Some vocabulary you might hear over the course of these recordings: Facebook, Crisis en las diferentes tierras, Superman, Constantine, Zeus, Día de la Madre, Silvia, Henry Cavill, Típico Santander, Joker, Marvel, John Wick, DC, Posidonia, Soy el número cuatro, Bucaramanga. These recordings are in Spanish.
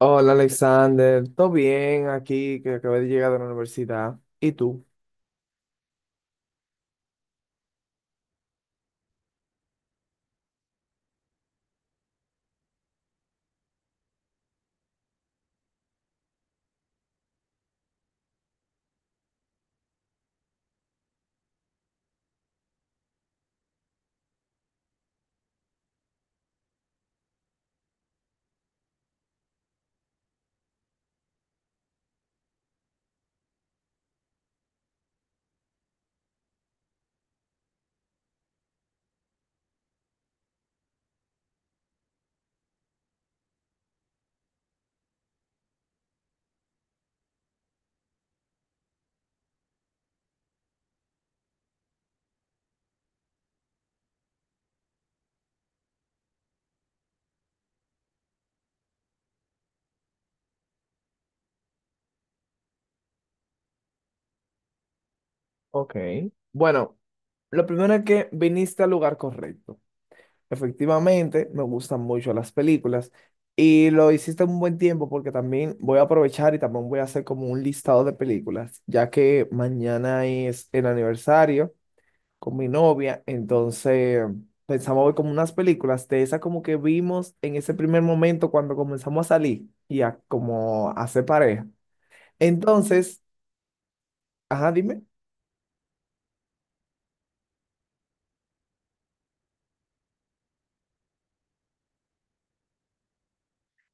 Hola, Alexander, ¿todo bien aquí que acabé de llegar de la universidad? ¿Y tú? Ok, bueno, lo primero es que viniste al lugar correcto. Efectivamente, me gustan mucho las películas y lo hiciste en un buen tiempo porque también voy a aprovechar y también voy a hacer como un listado de películas, ya que mañana es el aniversario con mi novia, entonces pensamos ver como unas películas de esas como que vimos en ese primer momento cuando comenzamos a salir y a como a hacer pareja. Entonces, ajá, dime.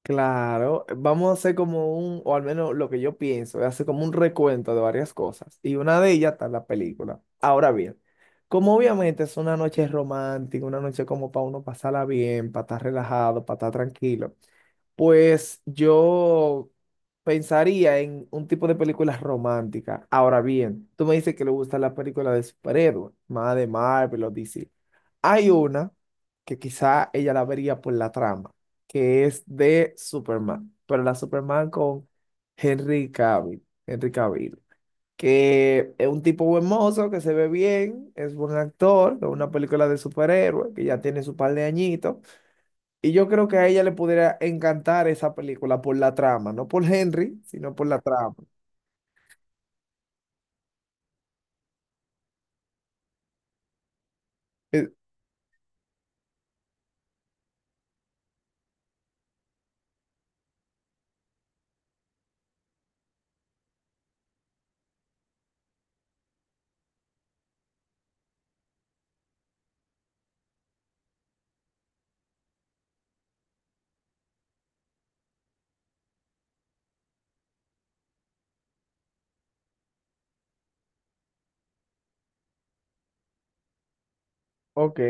Claro, vamos a hacer como un, o al menos lo que yo pienso, es hacer como un recuento de varias cosas. Y una de ellas está en la película. Ahora bien, como obviamente es una noche romántica, una noche como para uno pasarla bien, para estar relajado, para estar tranquilo. Pues yo pensaría en un tipo de película romántica. Ahora bien, tú me dices que le gusta la película de superhéroes, más de Marvel o DC. Hay una que quizá ella la vería por la trama, que es de Superman, pero la Superman con Henry Cavill, Henry Cavill, que es un tipo buen mozo, que se ve bien, es buen actor, es una película de superhéroes, que ya tiene su par de añitos y yo creo que a ella le pudiera encantar esa película por la trama, no por Henry, sino por la trama. Eh, ok.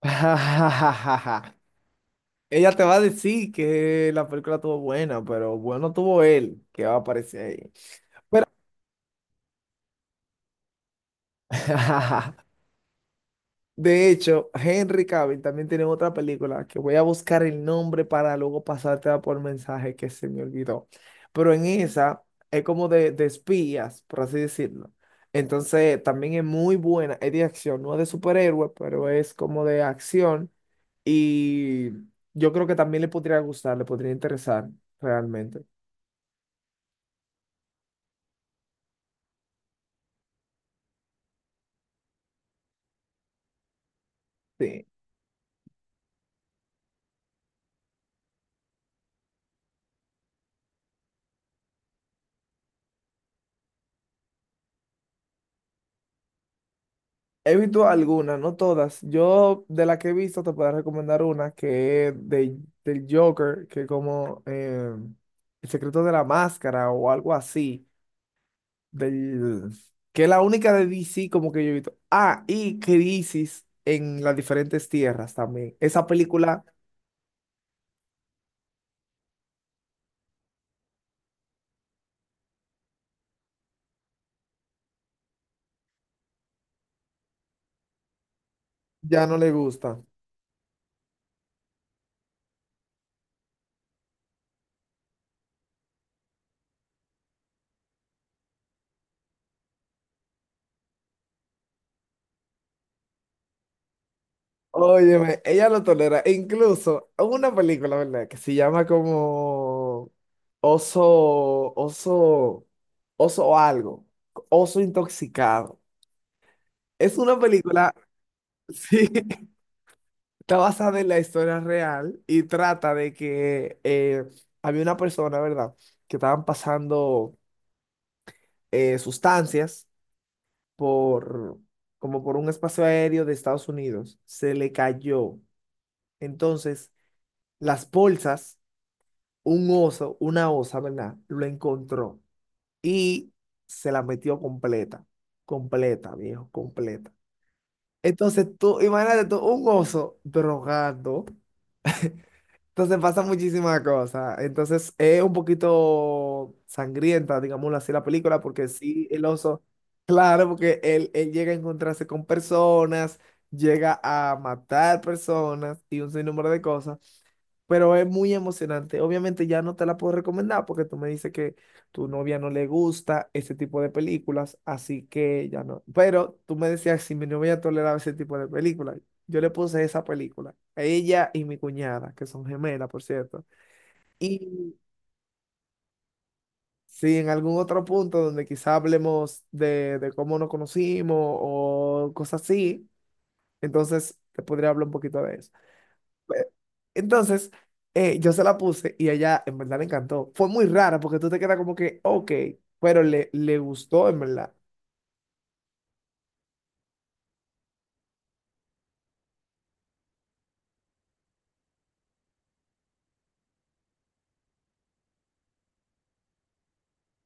Ella te va a decir que la película estuvo buena, pero bueno tuvo él que va a aparecer ahí. Pero, de hecho, Henry Cavill también tiene otra película que voy a buscar el nombre para luego pasártela por mensaje que se me olvidó. Pero en esa es como de espías, por así decirlo. Entonces, también es muy buena, es de acción, no es de superhéroe, pero es como de acción. Y yo creo que también le podría gustar, le podría interesar realmente. Sí. He visto algunas, no todas. Yo de las que he visto te puedo recomendar una que es de, del Joker, que como El secreto de la máscara o algo así, del, que es la única de DC como que yo he visto. Ah, y Crisis en las diferentes tierras también. Esa película ya no le gusta. Óyeme, ella lo tolera. E incluso hubo una película, ¿verdad? Que se llama como Oso, Oso, Oso o algo. Oso intoxicado. Es una película, sí, está basada en la historia real y trata de que había una persona, ¿verdad? Que estaban pasando sustancias por, como por un espacio aéreo de Estados Unidos. Se le cayó. Entonces, las bolsas un oso, una osa, ¿verdad? Lo encontró y se la metió completa, completa, viejo, completa. Entonces tú, imagínate tú, un oso drogado. Entonces pasa muchísimas cosas. Entonces es un poquito sangrienta, digámoslo así, la película, porque sí, el oso, claro, porque él llega a encontrarse con personas, llega a matar personas y un sinnúmero de cosas. Pero es muy emocionante. Obviamente ya no te la puedo recomendar porque tú me dices que tu novia no le gusta ese tipo de películas, así que ya no. Pero tú me decías si mi novia toleraba ese tipo de películas. Yo le puse esa película a ella y mi cuñada, que son gemelas, por cierto. Y si en algún otro punto donde quizá hablemos de cómo nos conocimos o cosas así, entonces te podría hablar un poquito de eso. Entonces, yo se la puse y a ella en verdad le encantó. Fue muy rara porque tú te quedas como que, ok, pero le gustó en verdad.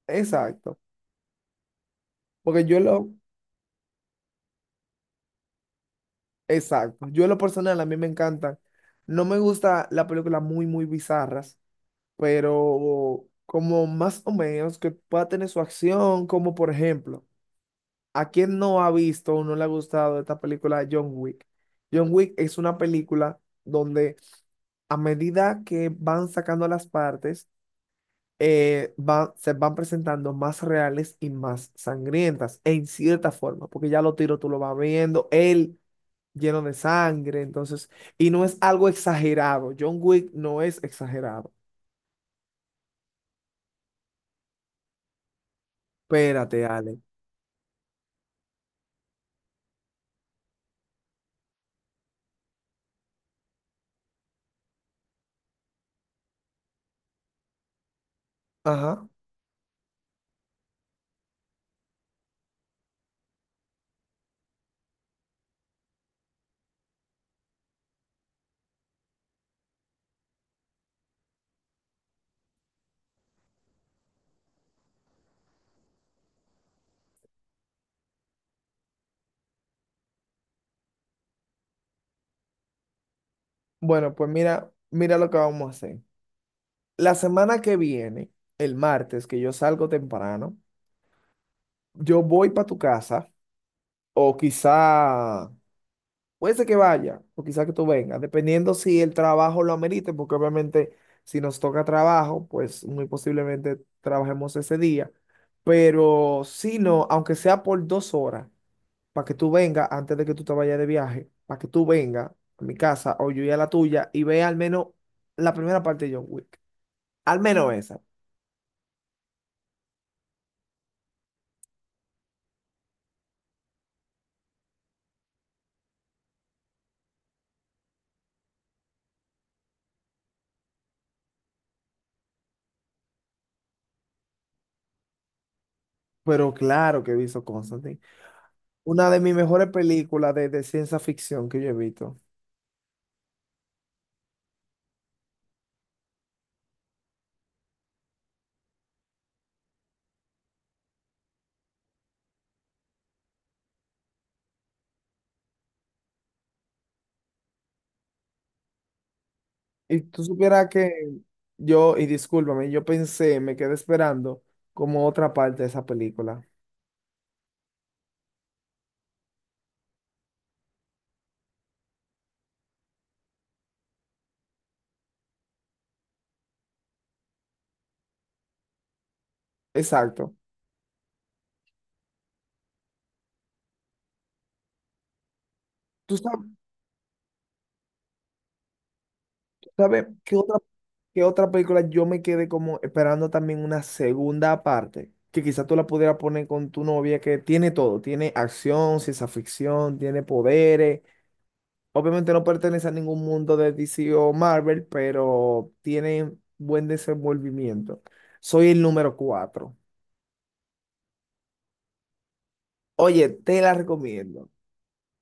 Exacto. Porque yo lo, exacto. Yo en lo personal a mí me encantan. No me gusta la película muy, muy bizarras, pero como más o menos que pueda tener su acción, como por ejemplo. ¿A quién no ha visto o no le ha gustado esta película de John Wick? John Wick es una película donde a medida que van sacando las partes, se van presentando más reales y más sangrientas, en cierta forma, porque ya lo tiro, tú lo vas viendo, él lleno de sangre, entonces, y no es algo exagerado. John Wick no es exagerado. Espérate, Ale. Ajá. Bueno, pues mira, mira lo que vamos a hacer. La semana que viene, el martes, que yo salgo temprano, yo voy para tu casa o quizá, puede ser que vaya o quizá que tú vengas, dependiendo si el trabajo lo amerite, porque obviamente si nos toca trabajo, pues muy posiblemente trabajemos ese día, pero si no, aunque sea por 2 horas, para que tú vengas antes de que tú te vayas de viaje, para que tú vengas a mi casa o yo y a la tuya y vea al menos la primera parte de John Wick, al menos esa. Pero claro que he visto Constantine. Una de mis mejores películas de, ciencia ficción que yo he visto. Y tú supieras que yo, y discúlpame, yo pensé, me quedé esperando como otra parte de esa película. Exacto. ¿Tú sab- Tú sabes, qué otra película yo me quedé como esperando también una segunda parte? Que quizás tú la pudieras poner con tu novia, que tiene todo. Tiene acción, ciencia ficción, tiene poderes. Obviamente no pertenece a ningún mundo de DC o Marvel, pero tiene buen desenvolvimiento. Soy el número cuatro. Oye, te la recomiendo.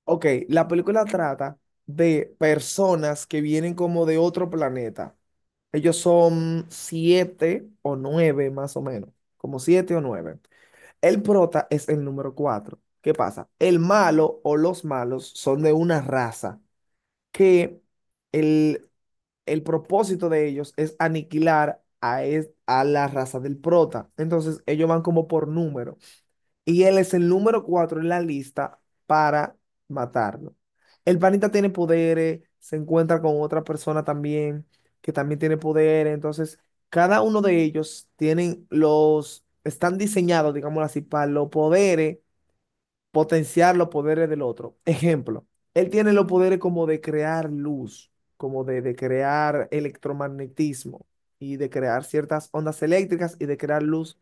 Ok, la película trata de personas que vienen como de otro planeta. Ellos son siete o nueve más o menos, como siete o nueve. El prota es el número cuatro. ¿Qué pasa? El malo o los malos son de una raza que... El, el propósito de ellos es aniquilar a la raza del prota. Entonces ellos van como por número. Y él es el número cuatro en la lista para matarlo. El panita tiene poderes, se encuentra con otra persona también que también tiene poderes. Entonces cada uno de ellos están diseñados, digámoslo así, para los poderes potenciar los poderes del otro. Ejemplo, él tiene los poderes como de crear luz, como de, crear electromagnetismo y de crear ciertas ondas eléctricas y de crear luz.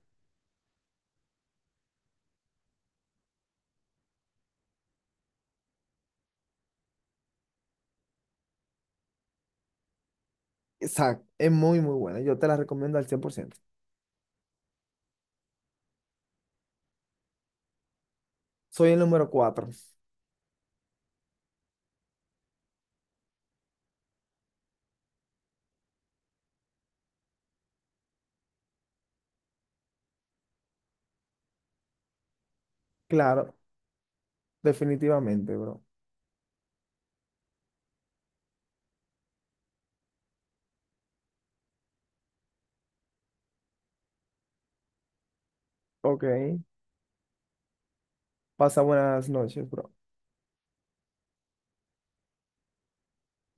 Exacto, es muy, muy buena. Yo te la recomiendo al 100%. Soy el número cuatro. Claro, definitivamente, bro. Ok. Pasa buenas noches, bro.